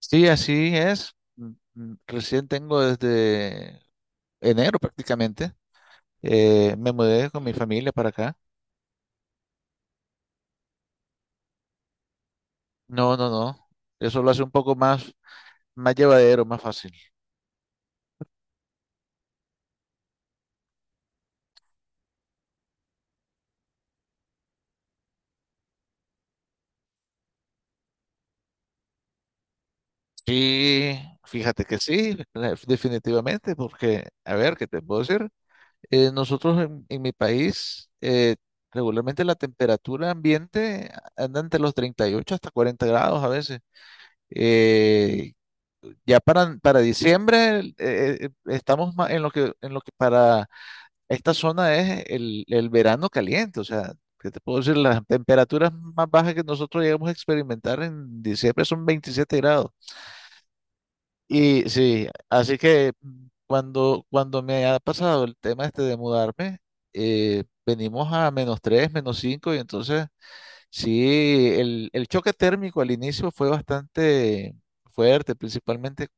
Sí, así es. Recién tengo desde enero prácticamente. Me mudé con mi familia para acá. No, no, no. Eso lo hace un poco más, más llevadero, más fácil. Sí, fíjate que sí, definitivamente, porque, a ver, ¿qué te puedo decir? Nosotros en mi país, regularmente la temperatura ambiente anda entre los 38 hasta 40 grados a veces. Eh, Ya para diciembre estamos en lo que, para esta zona es el verano caliente. O sea, ¿qué te puedo decir? Las temperaturas más bajas que nosotros llegamos a experimentar en diciembre son 27 grados. Y sí, así que cuando me ha pasado el tema este de mudarme, venimos a menos 3 menos 5 y entonces sí, el choque térmico al inicio fue bastante fuerte, principalmente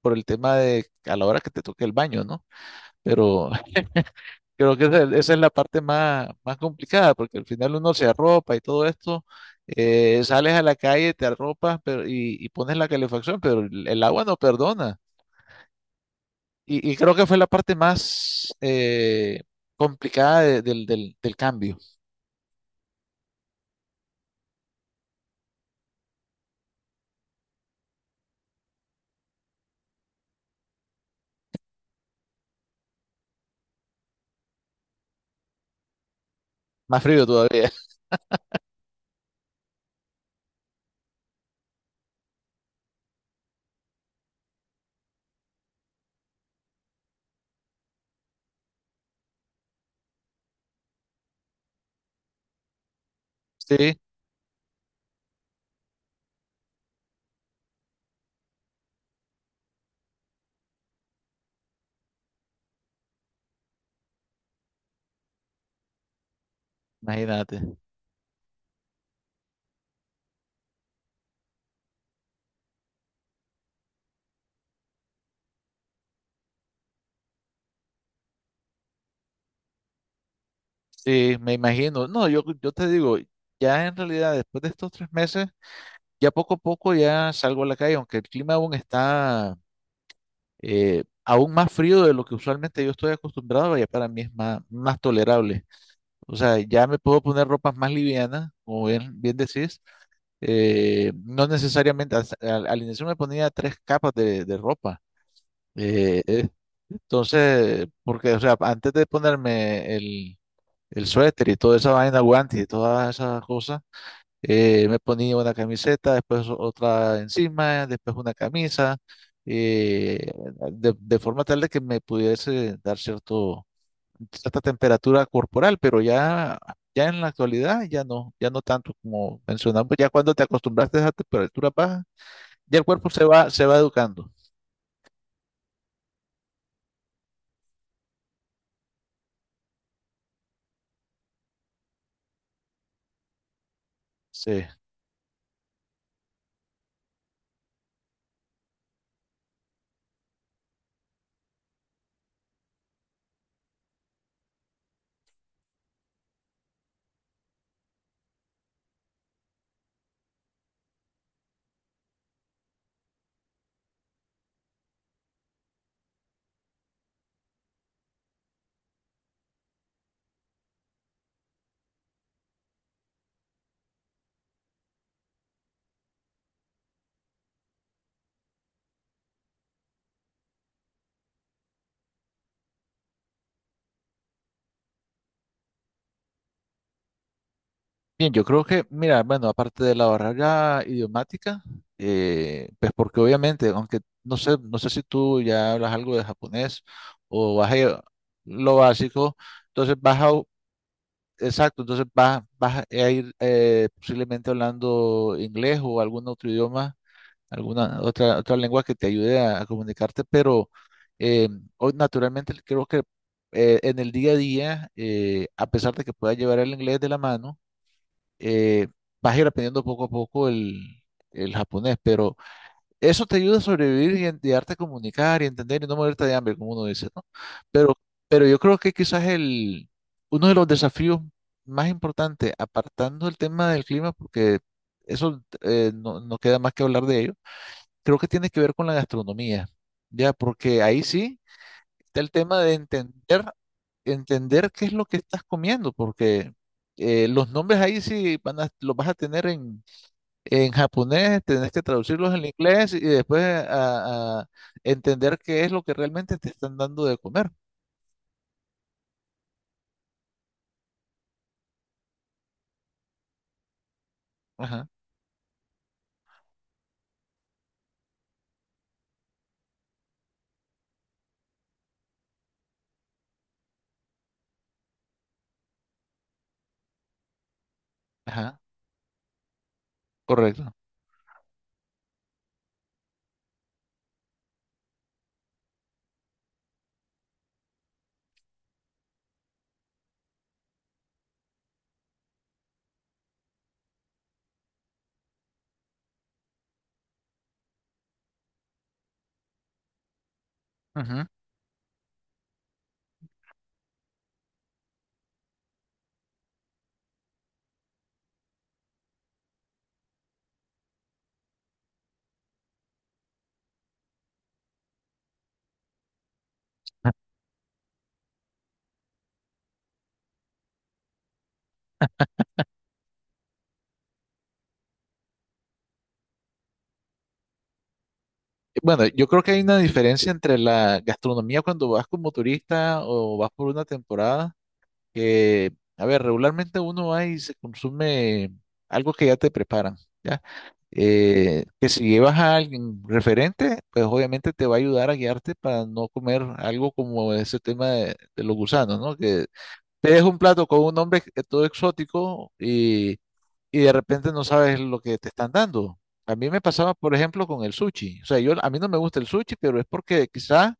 por el tema de a la hora que te toque el baño, ¿no? Pero creo que esa es la parte más, más complicada, porque al final uno se arropa y todo esto, sales a la calle, te arropas pero, y pones la calefacción, pero el agua no perdona. Y creo que fue la parte más complicada del cambio, más frío todavía. Sí, imagínate. Sí, me imagino. No, yo te digo, ya en realidad después de estos 3 meses, ya poco a poco ya salgo a la calle, aunque el clima aún está aún más frío de lo que usualmente yo estoy acostumbrado, ya para mí es más, más tolerable. O sea, ya me puedo poner ropas más livianas, como bien, bien decís. No necesariamente, al inicio me ponía tres capas de ropa. Eh, eh, entonces, porque, o sea, antes de ponerme el suéter y toda esa vaina, guantes y todas esas cosas me ponía una camiseta, después otra encima, después una camisa, eh, de forma tal de que me pudiese dar cierto, cierta temperatura corporal, pero ya en la actualidad ya no, ya no tanto como mencionamos, ya cuando te acostumbraste a esa temperatura baja, ya el cuerpo se va educando. Sí. Bien, yo creo que, mira, bueno, aparte de la barrera idiomática, pues porque obviamente, aunque no sé si tú ya hablas algo de japonés o vas a ir lo básico, entonces exacto, entonces vas a ir posiblemente hablando inglés o algún otro idioma, alguna otra lengua que te ayude a comunicarte, pero eh, hoy naturalmente creo que en el día a día, a pesar de que pueda llevar el inglés de la mano, eh, vas a ir aprendiendo poco a poco el japonés, pero eso te ayuda a sobrevivir y, y darte a comunicar y entender y no morirte de hambre, como uno dice, ¿no? Pero, yo creo que quizás uno de los desafíos más importantes, apartando el tema del clima, porque eso no queda más que hablar de ello, creo que tiene que ver con la gastronomía, ¿ya? Porque ahí sí está el tema de entender, qué es lo que estás comiendo, porque los nombres ahí sí van a, los vas a tener en japonés, tenés que traducirlos al inglés y después a entender qué es lo que realmente te están dando de comer. Ajá, ajá, correcto. Ujú. Bueno, yo creo que hay una diferencia entre la gastronomía cuando vas como turista o vas por una temporada, que, a ver, regularmente uno va y se consume algo que ya te preparan, ¿ya? Que si llevas a alguien referente, pues obviamente te va a ayudar a guiarte para no comer algo como ese tema de los gusanos, ¿no? Que te es un plato con un nombre todo exótico y de repente no sabes lo que te están dando. A mí me pasaba, por ejemplo, con el sushi. O sea, yo a mí no me gusta el sushi,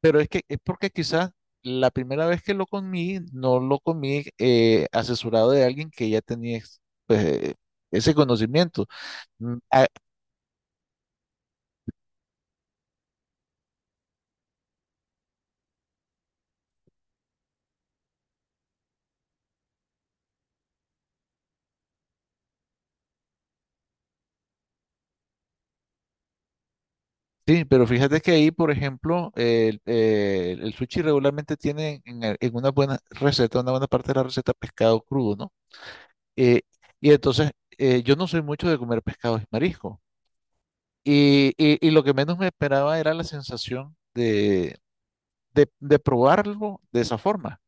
pero es que es porque quizás la primera vez que lo comí, no lo comí asesorado de alguien que ya tenía pues, ese conocimiento. Mm. Sí, pero fíjate que ahí, por ejemplo, el sushi regularmente tiene en una buena receta, una buena parte de la receta pescado crudo, ¿no? Eh, y entonces, yo no soy mucho de comer pescados y mariscos. Y lo que menos me esperaba era la sensación de probarlo de esa forma.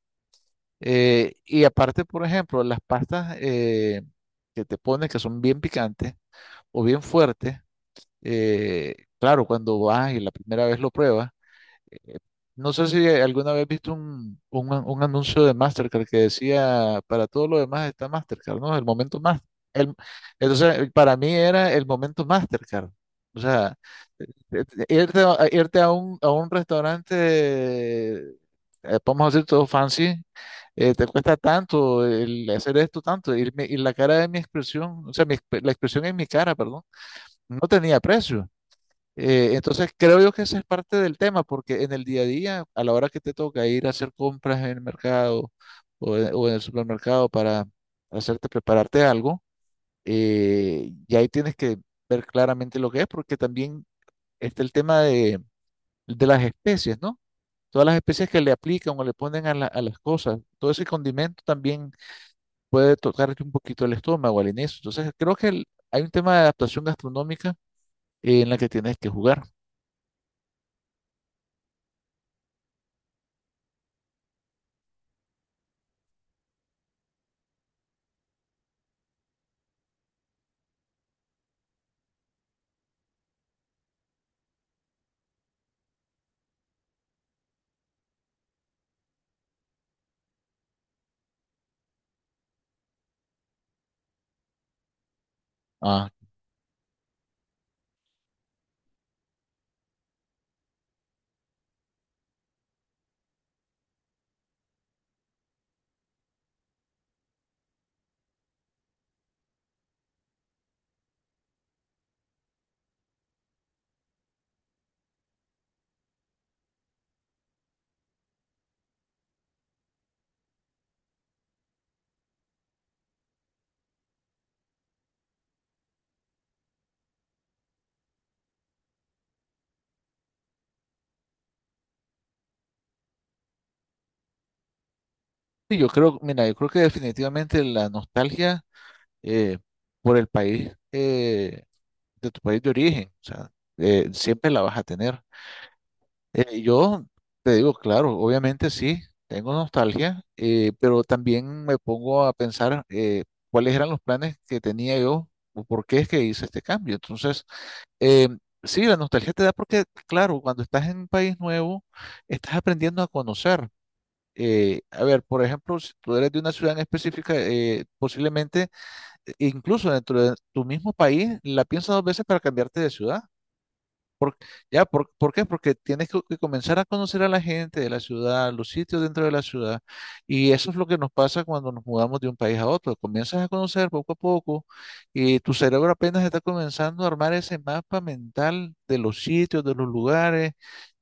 Y aparte, por ejemplo, las pastas que te ponen, que son bien picantes o bien fuertes, claro, cuando vas y la primera vez lo pruebas, eh, no sé si alguna vez viste un anuncio de Mastercard que decía, para todo lo demás está Mastercard, ¿no? El momento más. El, entonces, para mí era el momento Mastercard. O sea, eh, eh, irte a un restaurante, vamos a decir todo fancy, te cuesta tanto, el hacer esto tanto, y la cara de mi expresión, o sea, la expresión en mi cara, perdón, no tenía precio. Entonces creo yo que ese es parte del tema, porque en el día a día, a la hora que te toca ir a hacer compras en el mercado o en el supermercado para hacerte prepararte algo, y ahí tienes que ver claramente lo que es, porque también está el tema de las especies, ¿no? Todas las especies que le aplican o le ponen a las cosas, todo ese condimento también puede tocarte un poquito el estómago al inicio. Entonces creo que hay un tema de adaptación gastronómica en la que tienes que jugar. Ah, sí, yo creo, mira, yo creo que definitivamente la nostalgia eh, por el país de tu país de origen, o sea, siempre la vas a tener. Yo te digo, claro, obviamente sí, tengo nostalgia, pero también me pongo a pensar cuáles eran los planes que tenía yo o por qué es que hice este cambio. Entonces, eh, sí, la nostalgia te da porque, claro, cuando estás en un país nuevo, estás aprendiendo a conocer a ver, por ejemplo, si tú eres de una ciudad en específica, posiblemente, incluso dentro de tu mismo país, la piensas dos veces para cambiarte de ciudad. ¿Ya? ¿Por qué? Porque tienes que comenzar a conocer a la gente de la ciudad, los sitios dentro de la ciudad. Y eso es lo que nos pasa cuando nos mudamos de un país a otro. Comienzas a conocer poco a poco y tu cerebro apenas está comenzando a armar ese mapa mental de los sitios, de los lugares,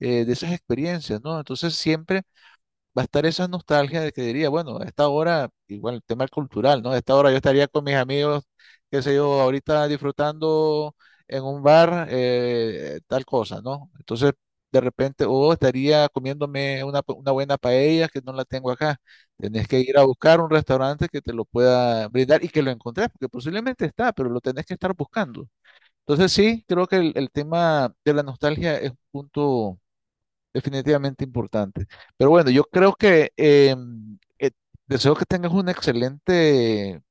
de esas experiencias, ¿no? Entonces, siempre va a estar esa nostalgia de que diría, bueno, a esta hora, igual el tema cultural, ¿no? A esta hora yo estaría con mis amigos, qué sé yo, ahorita disfrutando en un bar tal cosa, ¿no? Entonces, de repente, o estaría comiéndome una buena paella que no la tengo acá. Tenés que ir a buscar un restaurante que te lo pueda brindar y que lo encontrés, porque posiblemente está, pero lo tenés que estar buscando. Entonces, sí, creo que el tema de la nostalgia es un punto definitivamente importante. Pero bueno, yo creo que eh, deseo que tengas una excelente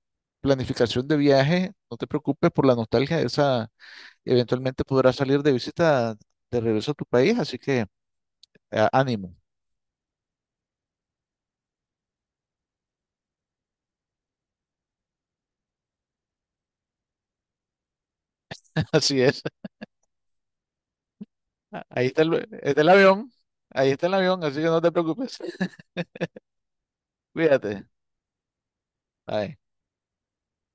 planificación de viaje. No te preocupes por la nostalgia, esa eventualmente podrás salir de visita de regreso a tu país, así que ánimo. Así es. Ahí está el, está el avión, ahí está el avión, así que no te preocupes. Cuídate. Bye.